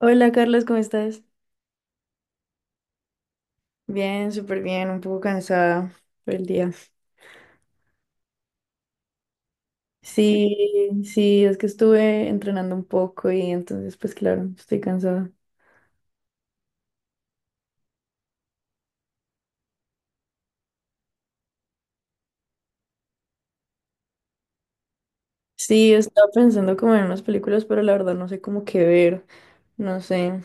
Hola Carlos, ¿cómo estás? Bien, súper bien, un poco cansada por el día. Sí, sí, es que estuve entrenando un poco y entonces pues claro, estoy cansada. Sí, estaba pensando como en unas películas, pero la verdad no sé cómo qué ver, no sé.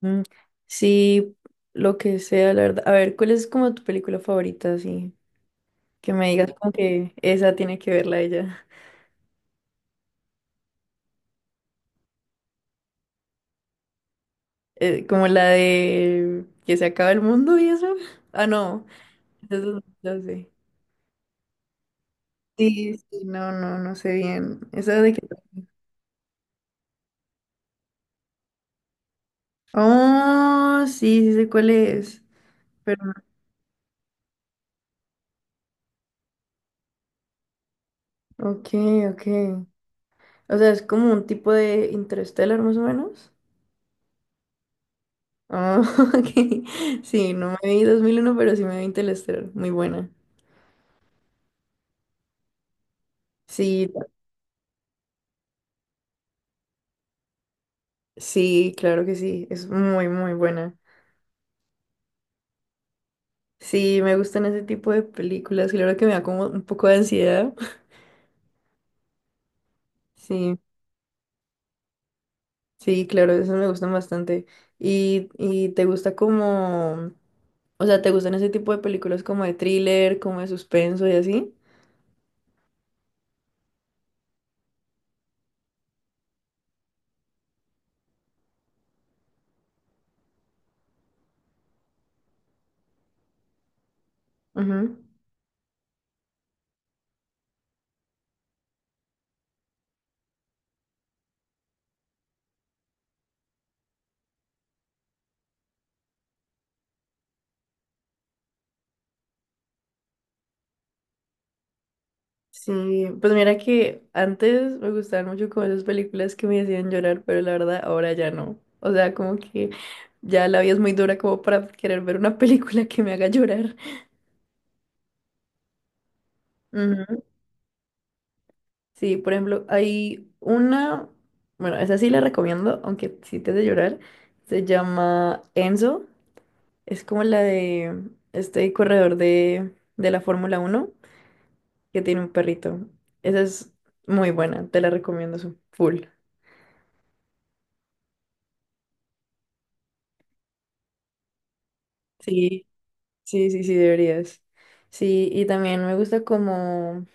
Mm, sí, lo que sea, la verdad. A ver, ¿cuál es como tu película favorita? Así que me digas como que esa tiene que verla ella. Como la de que se acaba el mundo y eso. Ah, no, eso no sé. Sí, sí, no, no, no sé bien. Esa de que. Oh, sí, sí sé cuál es. Pero... no- Ok, ok. O sea, es como un tipo de Interstellar más o menos. Ah, ok. Sí, no me vi 2001 pero sí me vi Interstellar. Muy buena. Sí, sí, claro que sí. Es muy, muy buena. Sí, me gustan ese tipo de películas. Claro que me da como un poco de ansiedad. Sí, sí, claro, eso me gustan bastante. ¿Y te gusta o sea, ¿te gustan ese tipo de películas como de thriller, como de suspenso y así? Ujú. Sí, pues mira que antes me gustaban mucho como esas películas que me hacían llorar, pero la verdad ahora ya no. O sea, como que ya la vida es muy dura como para querer ver una película que me haga llorar. Ujú. Sí, por ejemplo, hay una, bueno, esa sí la recomiendo, aunque sí te de llorar. Se llama Enzo, es como la de este corredor de la Fórmula 1. Que tiene un perrito. Esa es muy buena, te la recomiendo full. Sí, sí, sí, sí, deberías. Sí, y también me gusta como,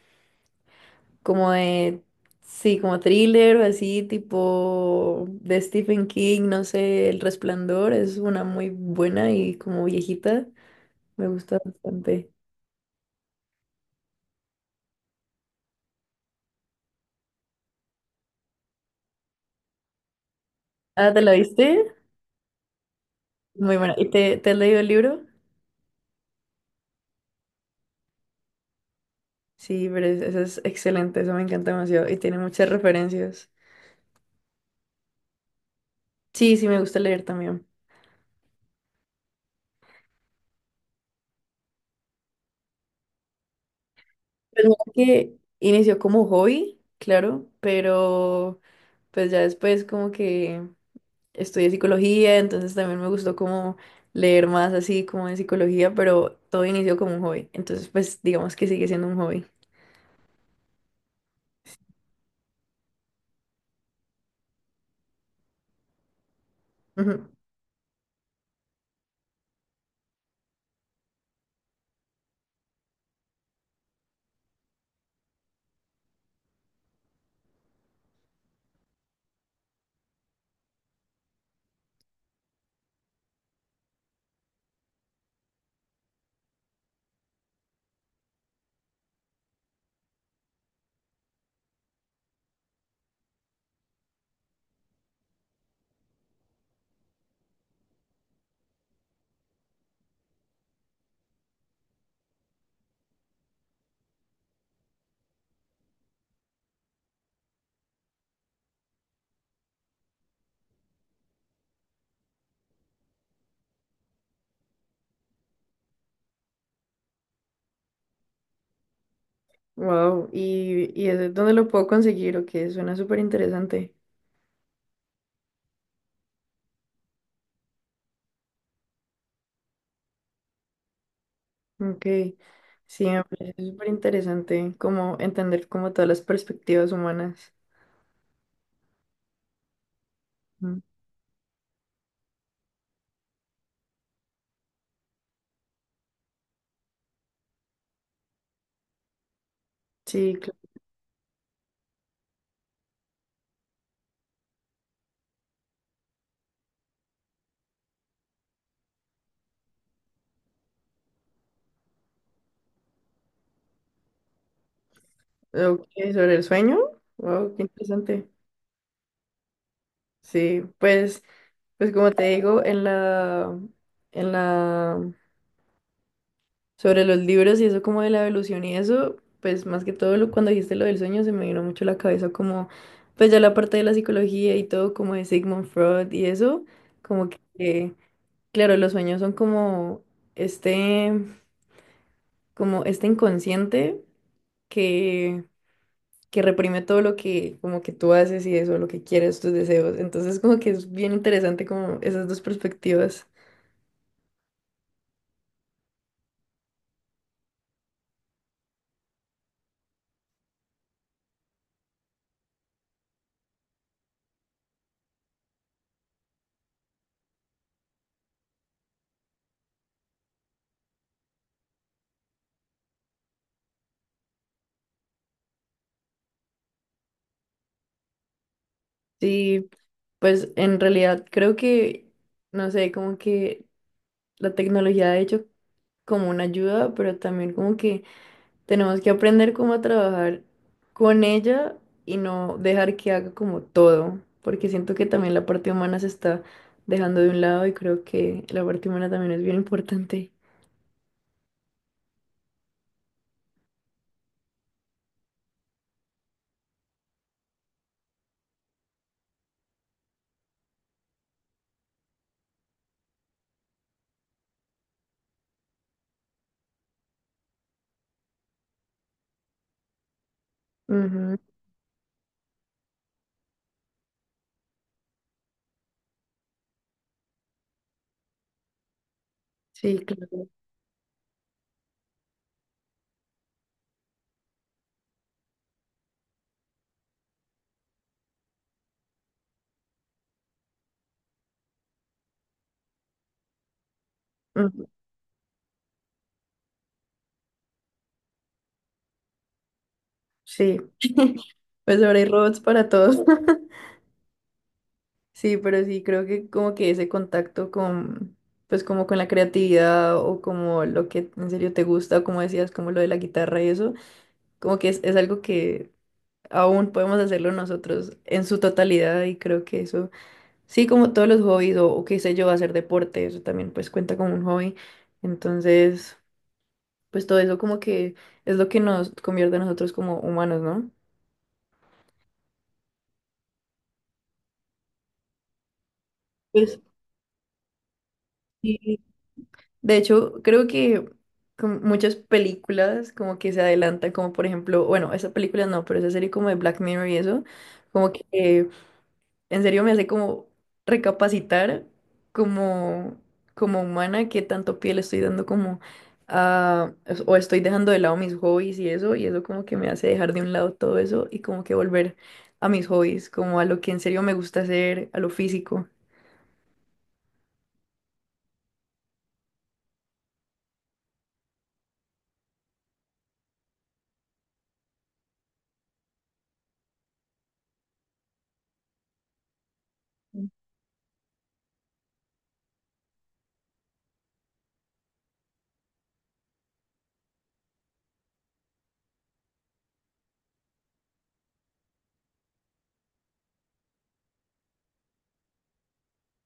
como de, sí, como thriller o así, tipo de Stephen King, no sé, El Resplandor es una muy buena y como viejita, me gusta bastante. Ah, ¿te la viste? Muy buena. ¿Y te has leído el libro? Sí, pero eso es excelente, eso me encanta demasiado y tiene muchas referencias. Sí, sí, me gusta leer también. Pues mira que inició como hobby, claro, pero pues ya después como que estudié psicología, entonces también me gustó como leer más así como de psicología, pero todo inició como un hobby, entonces pues digamos que sigue siendo un hobby. Ujú. Wow, ¿y eso es donde lo puedo conseguir? Ok, suena súper interesante. Ok, sí, me parece súper interesante como entender como todas las perspectivas humanas. Ujú. Sí, claro. Ok, sobre el sueño. Wow, qué interesante. Sí, pues, pues como te digo, en la, sobre los libros y eso como de la evolución y eso, pues más que todo lo, cuando dijiste lo del sueño se me vino mucho a la cabeza como, pues ya la parte de la psicología y todo como de Sigmund Freud y eso, como que, claro, los sueños son este, como este inconsciente que, que reprime todo lo que, como que tú haces y eso, lo que quieres, tus deseos, entonces como que es bien interesante como esas dos perspectivas. Sí, pues en realidad creo que, no sé, como que la tecnología ha hecho como una ayuda, pero también como que tenemos que aprender cómo a trabajar con ella y no dejar que haga como todo, porque siento que también la parte humana se está dejando de un lado y creo que la parte humana también es bien importante. Ujú, sí, claro. Ujú, sí. Pues ahora hay robots para todos. Sí, pero sí, creo que como que ese contacto con, pues como con la creatividad o como lo que en serio te gusta, o como decías, como lo de la guitarra y eso, como que es algo que aún podemos hacerlo nosotros en su totalidad y creo que eso, sí, como todos los hobbies o qué sé yo, hacer deporte, eso también pues cuenta como un hobby. Entonces, pues todo eso como que es lo que nos convierte a nosotros como humanos, ¿no? Pues sí, de hecho, creo que con muchas películas como que se adelantan, como por ejemplo, bueno, esa película no, pero esa serie como de Black Mirror y eso, como que en serio me hace como recapacitar como, como humana qué tanto pie le estoy dando como a, o estoy dejando de lado mis hobbies y eso como que me hace dejar de un lado todo eso y como que volver a mis hobbies, como a lo que en serio me gusta hacer, a lo físico.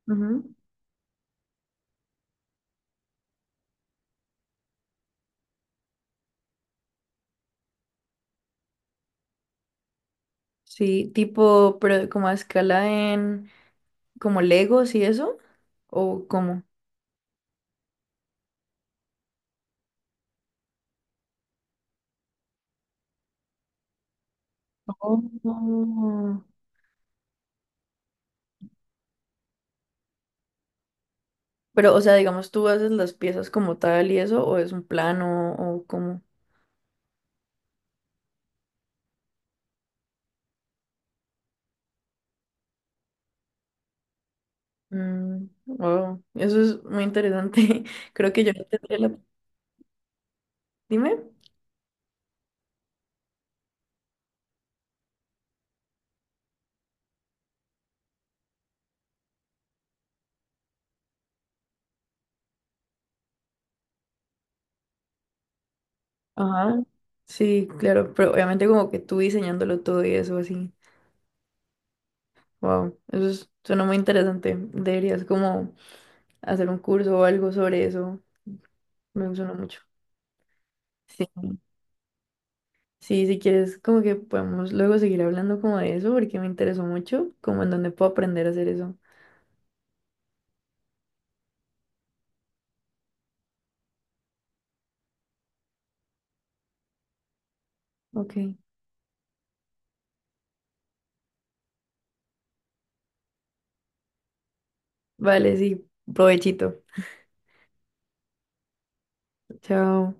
Ujú. Sí, tipo, pero como a escala en. ¿Como Legos y eso? ¿O cómo? Oh. Pero, o sea, digamos, ¿tú haces las piezas como tal y eso? ¿O es un plano? ¿O cómo? Wow, eso es muy interesante. Creo que yo no tendría la. Dime. Ajá. Sí, claro, pero obviamente como que tú diseñándolo todo y eso así. Wow, eso suena muy interesante. Deberías como hacer un curso o algo sobre eso. Me suena mucho. Sí. Sí, si quieres, como que podemos luego seguir hablando como de eso, porque me interesó mucho, como en dónde puedo aprender a hacer eso. Ok. Vale, sí, provechito. Chao.